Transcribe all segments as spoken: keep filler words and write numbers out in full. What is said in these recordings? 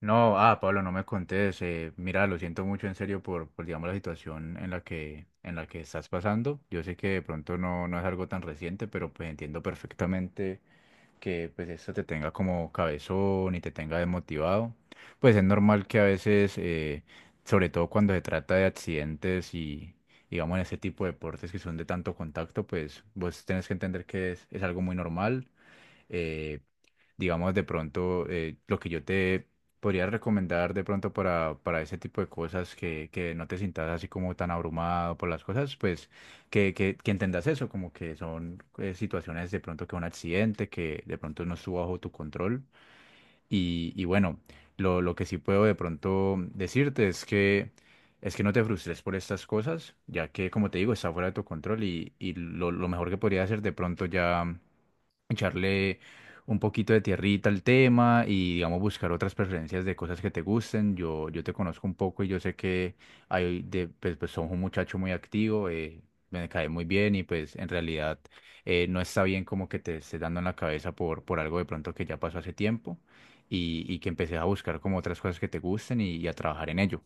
No, ah, Pablo, no me contés. Eh, mira, lo siento mucho en serio por, por, digamos, la situación en la que, en la que estás pasando. Yo sé que de pronto no, no es algo tan reciente, pero pues entiendo perfectamente que pues esto te tenga como cabezón y te tenga desmotivado. Pues es normal que a veces, eh, sobre todo cuando se trata de accidentes y digamos en ese tipo de deportes que son de tanto contacto, pues vos tenés que entender que es, es algo muy normal. eh, digamos, de pronto, eh, lo que yo te podría recomendar de pronto para, para ese tipo de cosas, que, que no te sientas así como tan abrumado por las cosas, pues que, que, que entendas eso, como que son eh, situaciones de pronto, que un accidente, que de pronto no estuvo bajo tu control. Y, y bueno, lo, lo que sí puedo de pronto decirte es que... Es que no te frustres por estas cosas, ya que, como te digo, está fuera de tu control y, y lo, lo mejor que podría hacer de pronto ya echarle un poquito de tierrita al tema y, digamos, buscar otras preferencias de cosas que te gusten. Yo, yo te conozco un poco y yo sé que hay de, pues, pues sos un muchacho muy activo, eh, me cae muy bien y pues en realidad eh, no está bien como que te estés dando en la cabeza por, por algo de pronto que ya pasó hace tiempo y, y que empeces a buscar como otras cosas que te gusten y, y a trabajar en ello.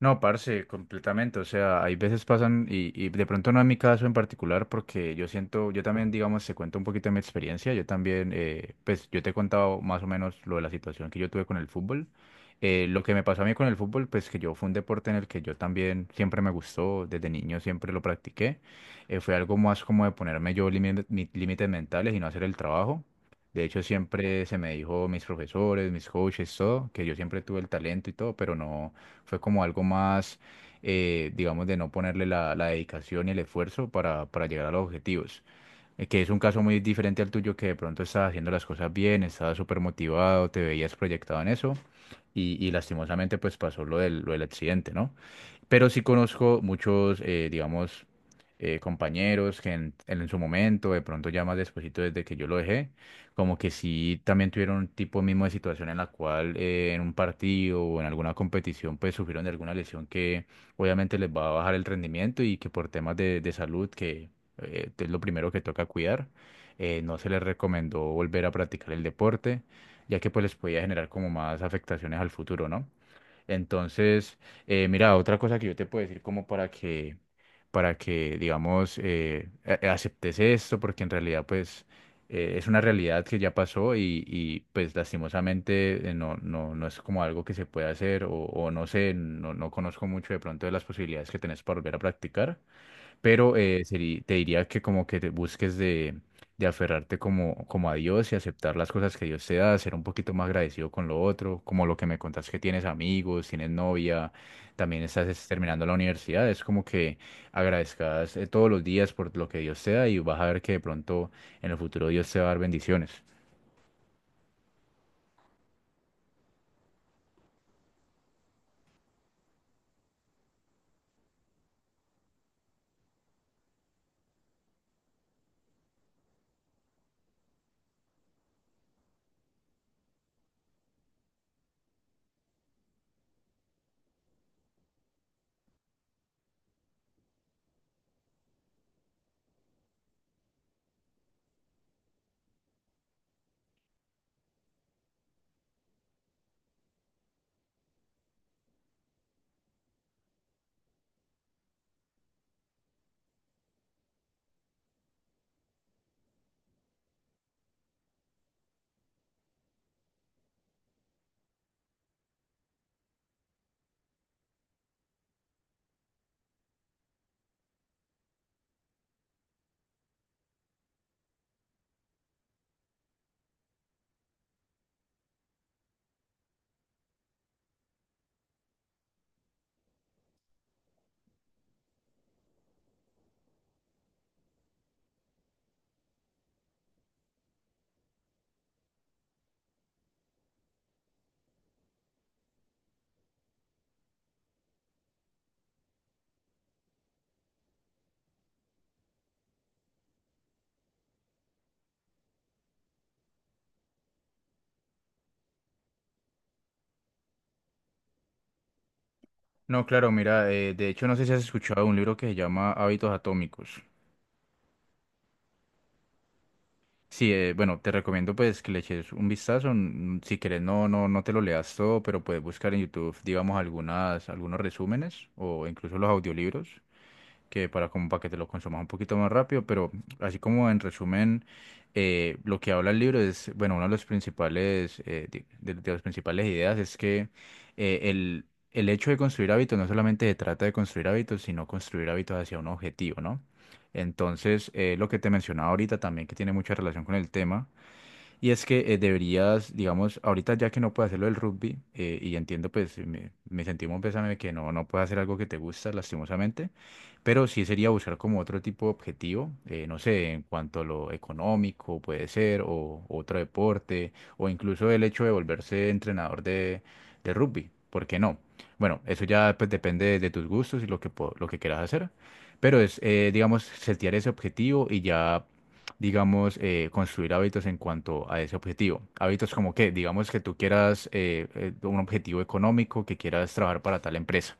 No, parce, completamente. O sea, hay veces pasan, y, y de pronto no en mi caso en particular, porque yo siento, yo también, digamos, se cuento un poquito de mi experiencia. Yo también, eh, pues yo te he contado más o menos lo de la situación que yo tuve con el fútbol. Eh, lo que me pasó a mí con el fútbol, pues que yo fue un deporte en el que yo también siempre me gustó, desde niño siempre lo practiqué. Eh, fue algo más como de ponerme yo límite- mi- límites mentales y no hacer el trabajo. De hecho, siempre se me dijo mis profesores, mis coaches, todo, que yo siempre tuve el talento y todo, pero no. Fue como algo más, eh, digamos, de no ponerle la, la dedicación y el esfuerzo para, para llegar a los objetivos. Eh, Que es un caso muy diferente al tuyo, que de pronto estabas haciendo las cosas bien, estabas súper motivado, te veías proyectado en eso y, y lastimosamente pues pasó lo del, lo del accidente, ¿no? Pero sí conozco muchos, eh, digamos, eh, compañeros que en, en su momento, de pronto ya más despuesito desde que yo lo dejé, como que sí también tuvieron un tipo mismo de situación en la cual eh, en un partido o en alguna competición pues sufrieron de alguna lesión que obviamente les va a bajar el rendimiento y que por temas de, de salud, que eh, es lo primero que toca cuidar, eh, no se les recomendó volver a practicar el deporte, ya que pues les podía generar como más afectaciones al futuro, ¿no? Entonces, eh, mira, otra cosa que yo te puedo decir como para que, para que, digamos, eh, a- aceptes esto, porque en realidad, pues, eh, es una realidad que ya pasó y, y, pues, lastimosamente, eh, no, no, no es como algo que se pueda hacer o, o no sé, no, no conozco mucho de pronto de las posibilidades que tenés para volver a practicar, pero eh, seri- te diría que como que te busques de, de aferrarte como, como a Dios y aceptar las cosas que Dios te da, ser un poquito más agradecido con lo otro, como lo que me contás que tienes amigos, tienes novia, también estás es, terminando la universidad, es como que agradezcas eh, todos los días por lo que Dios te da y vas a ver que de pronto en el futuro Dios te va a dar bendiciones. No, claro, mira, eh, de hecho no sé si has escuchado un libro que se llama Hábitos Atómicos. Sí, eh, bueno, te recomiendo pues que le eches un vistazo. mm, Si quieres, no, no, no te lo leas todo, pero puedes buscar en YouTube, digamos, algunas, algunos resúmenes o incluso los audiolibros que para como para que te lo consumas un poquito más rápido, pero así como en resumen, eh, lo que habla el libro es, bueno, una de los principales, eh, di- de, de las principales ideas es que eh, el, el hecho de construir hábitos no solamente se trata de construir hábitos, sino construir hábitos hacia un objetivo, ¿no? Entonces, eh, lo que te mencionaba ahorita también, que tiene mucha relación con el tema, y es que eh, deberías, digamos, ahorita ya que no puedes hacerlo del rugby, eh, y entiendo, pues, me, me sentimos un pésame que no, no puedes hacer algo que te gusta, lastimosamente, pero sí sería buscar como otro tipo de objetivo, eh, no sé, en cuanto a lo económico puede ser, o otro deporte, o incluso el hecho de volverse entrenador de, de rugby, ¿por qué no? Bueno, eso ya pues depende de, de tus gustos y lo que, po- lo que quieras hacer. Pero es, eh, digamos, setear ese objetivo y ya digamos, eh, construir hábitos en cuanto a ese objetivo. Hábitos como que, digamos que tú quieras eh, eh, un objetivo económico, que quieras trabajar para tal empresa.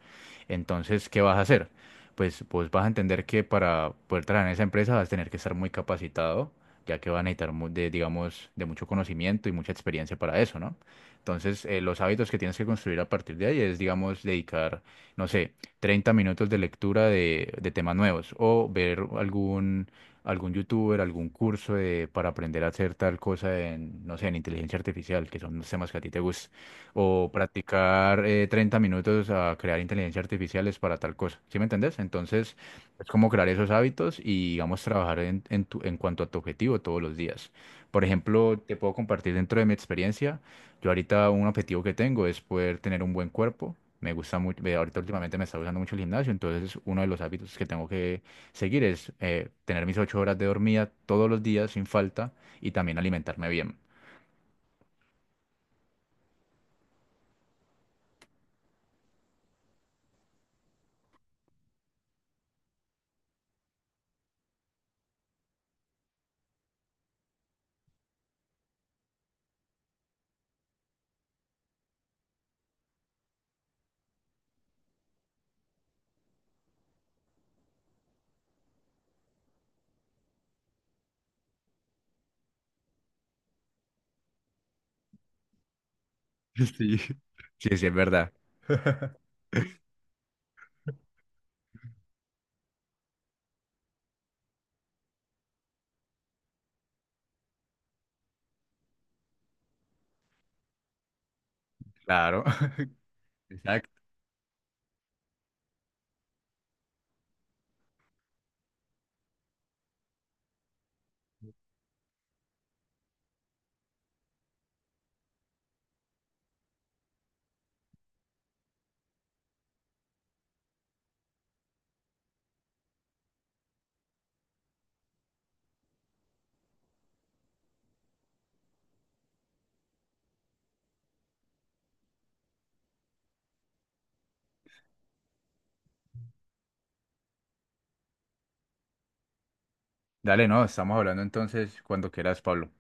Entonces, ¿qué vas a hacer? Pues vos vas a entender que para poder trabajar en esa empresa vas a tener que estar muy capacitado, ya que vas a necesitar mu- de, digamos, de mucho conocimiento y mucha experiencia para eso, ¿no? Entonces, eh, los hábitos que tienes que construir a partir de ahí es, digamos, dedicar, no sé, treinta minutos de lectura de, de temas nuevos o ver algún algún youtuber, algún curso de- para aprender a hacer tal cosa en, no sé, en inteligencia artificial, que son los temas que a ti te gustan, o practicar eh, treinta minutos a crear inteligencia artificiales para tal cosa, ¿sí me entendés? Entonces, es como crear esos hábitos y, digamos, trabajar en, en tu- en cuanto a tu objetivo todos los días. Por ejemplo, te puedo compartir dentro de mi experiencia, yo ahorita un objetivo que tengo es poder tener un buen cuerpo. Me gusta mucho, ahorita últimamente me está gustando mucho el gimnasio, entonces es uno de los hábitos que tengo. Seguir es eh, tener mis ocho horas de dormida todos los días sin falta y también alimentarme bien. Sí. Sí, sí, es verdad. Claro. Exacto. Dale, no, estamos hablando entonces cuando quieras, Pablo.